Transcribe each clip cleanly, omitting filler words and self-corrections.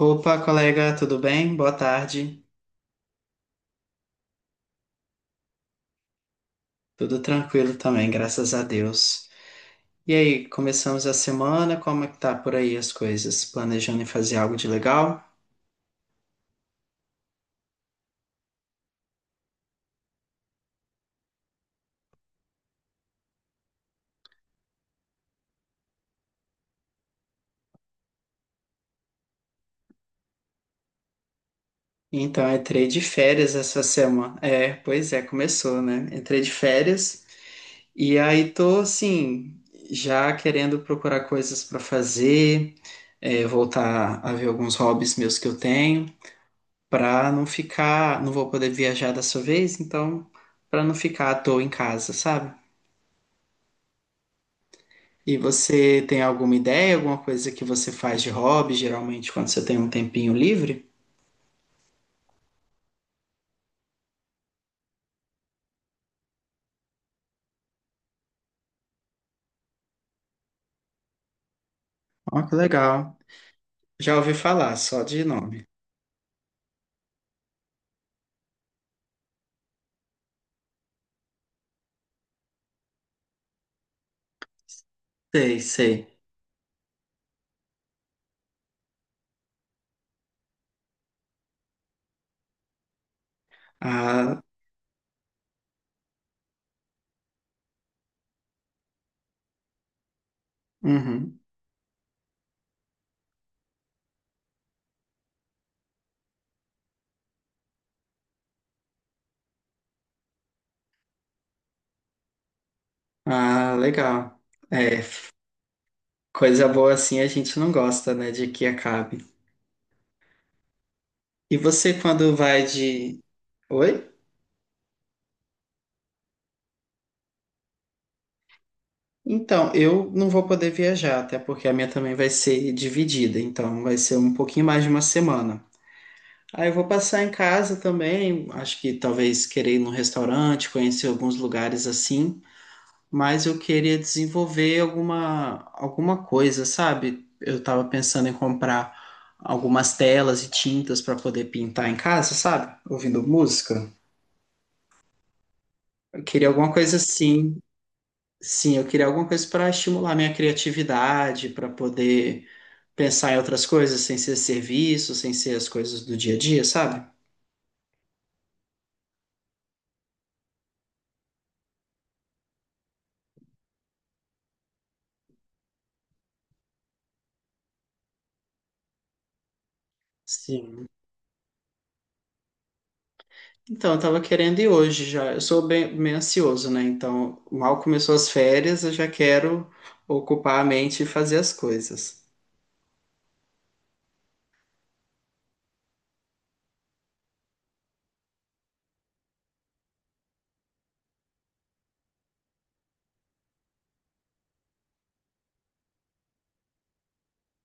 Opa, colega, tudo bem? Boa tarde. Tudo tranquilo também, graças a Deus. E aí, começamos a semana, como é que tá por aí as coisas? Planejando em fazer algo de legal? Então, entrei de férias essa semana. É, pois é, começou, né? Entrei de férias e aí tô, assim, já querendo procurar coisas para fazer, voltar a ver alguns hobbies meus que eu tenho, para não ficar, não vou poder viajar dessa vez, então, para não ficar à toa em casa, sabe? E você tem alguma ideia, alguma coisa que você faz de hobby, geralmente quando você tem um tempinho livre? Ó, que legal. Já ouvi falar, só de nome. Sei, sei. Ah, uhum. Ah, legal. É, coisa boa assim a gente não gosta, né, de que acabe. E você quando vai de... Oi? Então, eu não vou poder viajar, até porque a minha também vai ser dividida, então vai ser um pouquinho mais de uma semana. Aí eu vou passar em casa também. Acho que talvez querer ir num restaurante, conhecer alguns lugares assim. Mas eu queria desenvolver alguma coisa, sabe? Eu tava pensando em comprar algumas telas e tintas para poder pintar em casa, sabe? Ouvindo música. Eu queria alguma coisa assim. Sim, eu queria alguma coisa para estimular minha criatividade, para poder pensar em outras coisas sem ser serviço, sem ser as coisas do dia a dia, sabe? Sim. Então, eu tava querendo ir hoje já. Eu sou bem ansioso, né? Então, mal começou as férias, eu já quero ocupar a mente e fazer as coisas.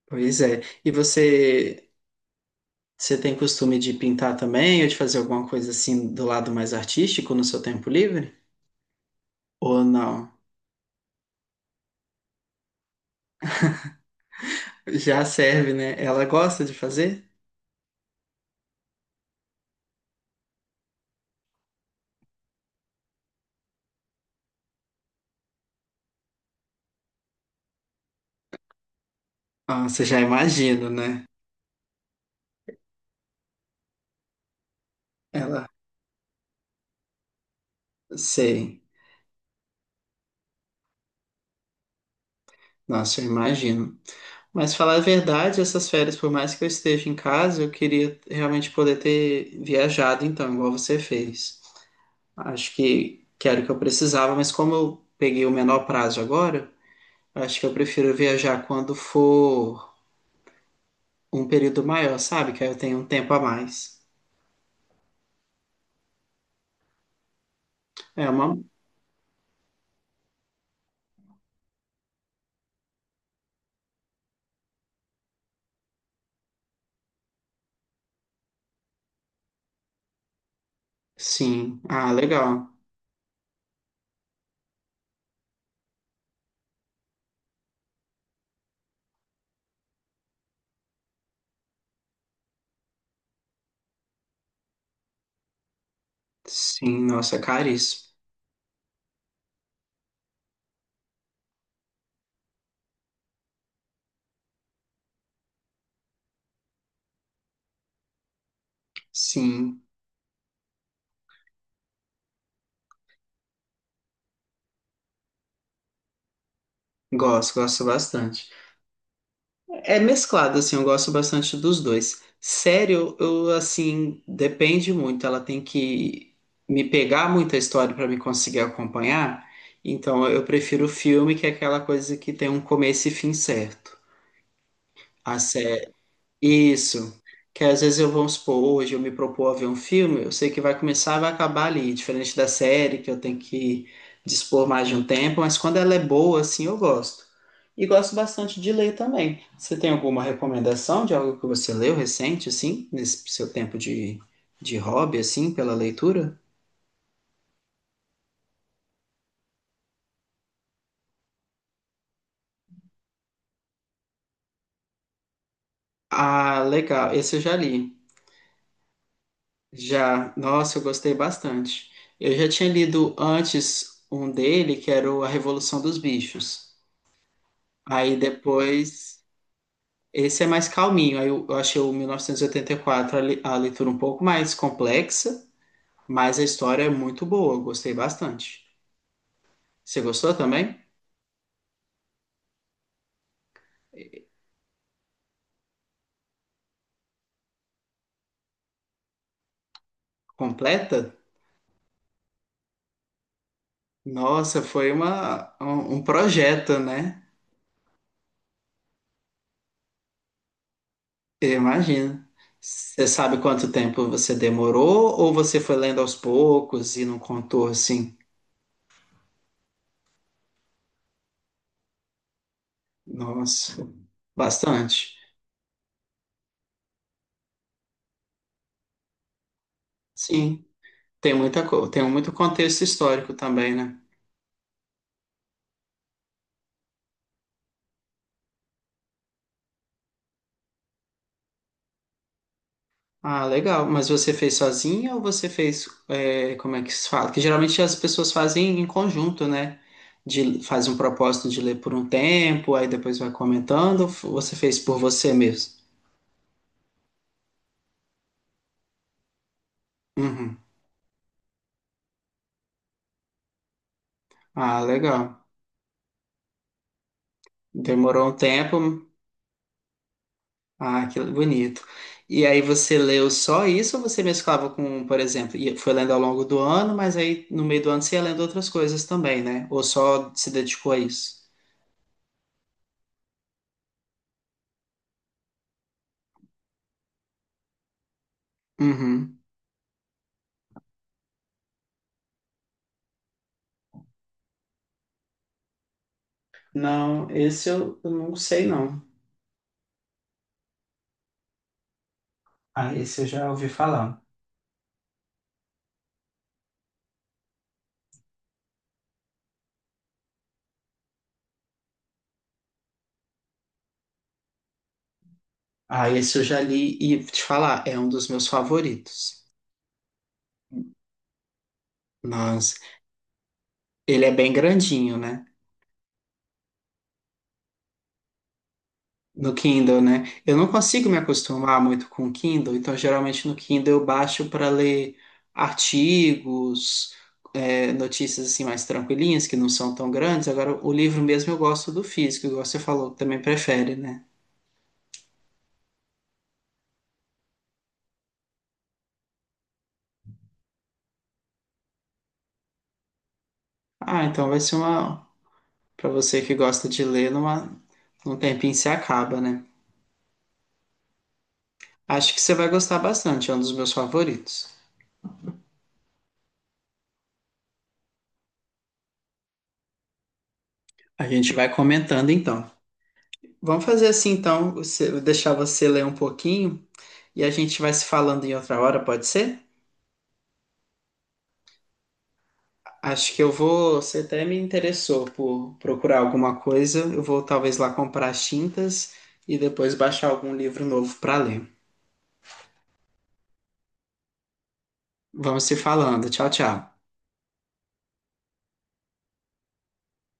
Pois é. E você, você tem costume de pintar também, ou de fazer alguma coisa assim do lado mais artístico no seu tempo livre? Ou não? Já serve, né? Ela gosta de fazer? Ah, você já imagina, né? Ela, sei. Nossa, eu imagino. Mas falar a verdade, essas férias, por mais que eu esteja em casa, eu queria realmente poder ter viajado, então, igual você fez. Acho que era o que eu precisava, mas como eu peguei o menor prazo agora, acho que eu prefiro viajar quando for um período maior, sabe? Que aí eu tenho um tempo a mais. É uma. Sim. Ah, legal. Sim, nossa, é caríssimo. Sim, gosto, gosto bastante. É mesclado, assim, eu gosto bastante dos dois. Série, assim, depende muito. Ela tem que me pegar muita história para me conseguir acompanhar. Então, eu prefiro o filme, que é aquela coisa que tem um começo e fim certo. A isso. Que às vezes eu vou supor, hoje eu me propor a ver um filme, eu sei que vai começar e vai acabar ali, diferente da série, que eu tenho que dispor mais de um tempo, mas quando ela é boa, assim, eu gosto. E gosto bastante de ler também. Você tem alguma recomendação de algo que você leu recente, assim, nesse seu tempo de hobby, assim, pela leitura? Ah, legal. Esse eu já li. Já. Nossa, eu gostei bastante. Eu já tinha lido antes um dele, que era o A Revolução dos Bichos. Aí depois, esse é mais calminho. Aí eu achei o 1984 a leitura um pouco mais complexa, mas a história é muito boa, eu gostei bastante. Você gostou também? Completa? Nossa, foi uma, um projeto, né? Eu imagino. Você sabe quanto tempo você demorou ou você foi lendo aos poucos e não contou assim? Nossa, bastante. Sim, tem muita, tem muito contexto histórico também, né? Ah, legal. Mas você fez sozinha ou você fez, é, como é que se fala? Que geralmente as pessoas fazem em conjunto, né? De, faz um propósito de ler por um tempo, aí depois vai comentando. Ou você fez por você mesmo? Uhum. Ah, legal. Demorou um tempo. Ah, que bonito. E aí você leu só isso ou você mesclava com, por exemplo, foi lendo ao longo do ano, mas aí no meio do ano você ia lendo outras coisas também, né? Ou só se dedicou a isso? Uhum. Não, esse eu não sei não. Ah, esse eu já ouvi falar. Ah, esse eu já li e vou te falar, é um dos meus favoritos. Mas ele é bem grandinho, né? No Kindle, né? Eu não consigo me acostumar muito com o Kindle, então geralmente no Kindle eu baixo para ler artigos, é, notícias assim mais tranquilinhas, que não são tão grandes. Agora, o livro mesmo eu gosto do físico, igual você falou, que também prefere, né? Ah, então vai ser uma. Para você que gosta de ler, numa, num tempinho se acaba, né? Acho que você vai gostar bastante, é um dos meus favoritos. A gente vai comentando então. Vamos fazer assim então, você- vou deixar você ler um pouquinho e a gente vai se falando em outra hora, pode ser? Acho que eu vou, você até me interessou por procurar alguma coisa, eu vou talvez lá comprar as tintas e depois baixar algum livro novo para ler. Vamos se falando. Tchau, tchau.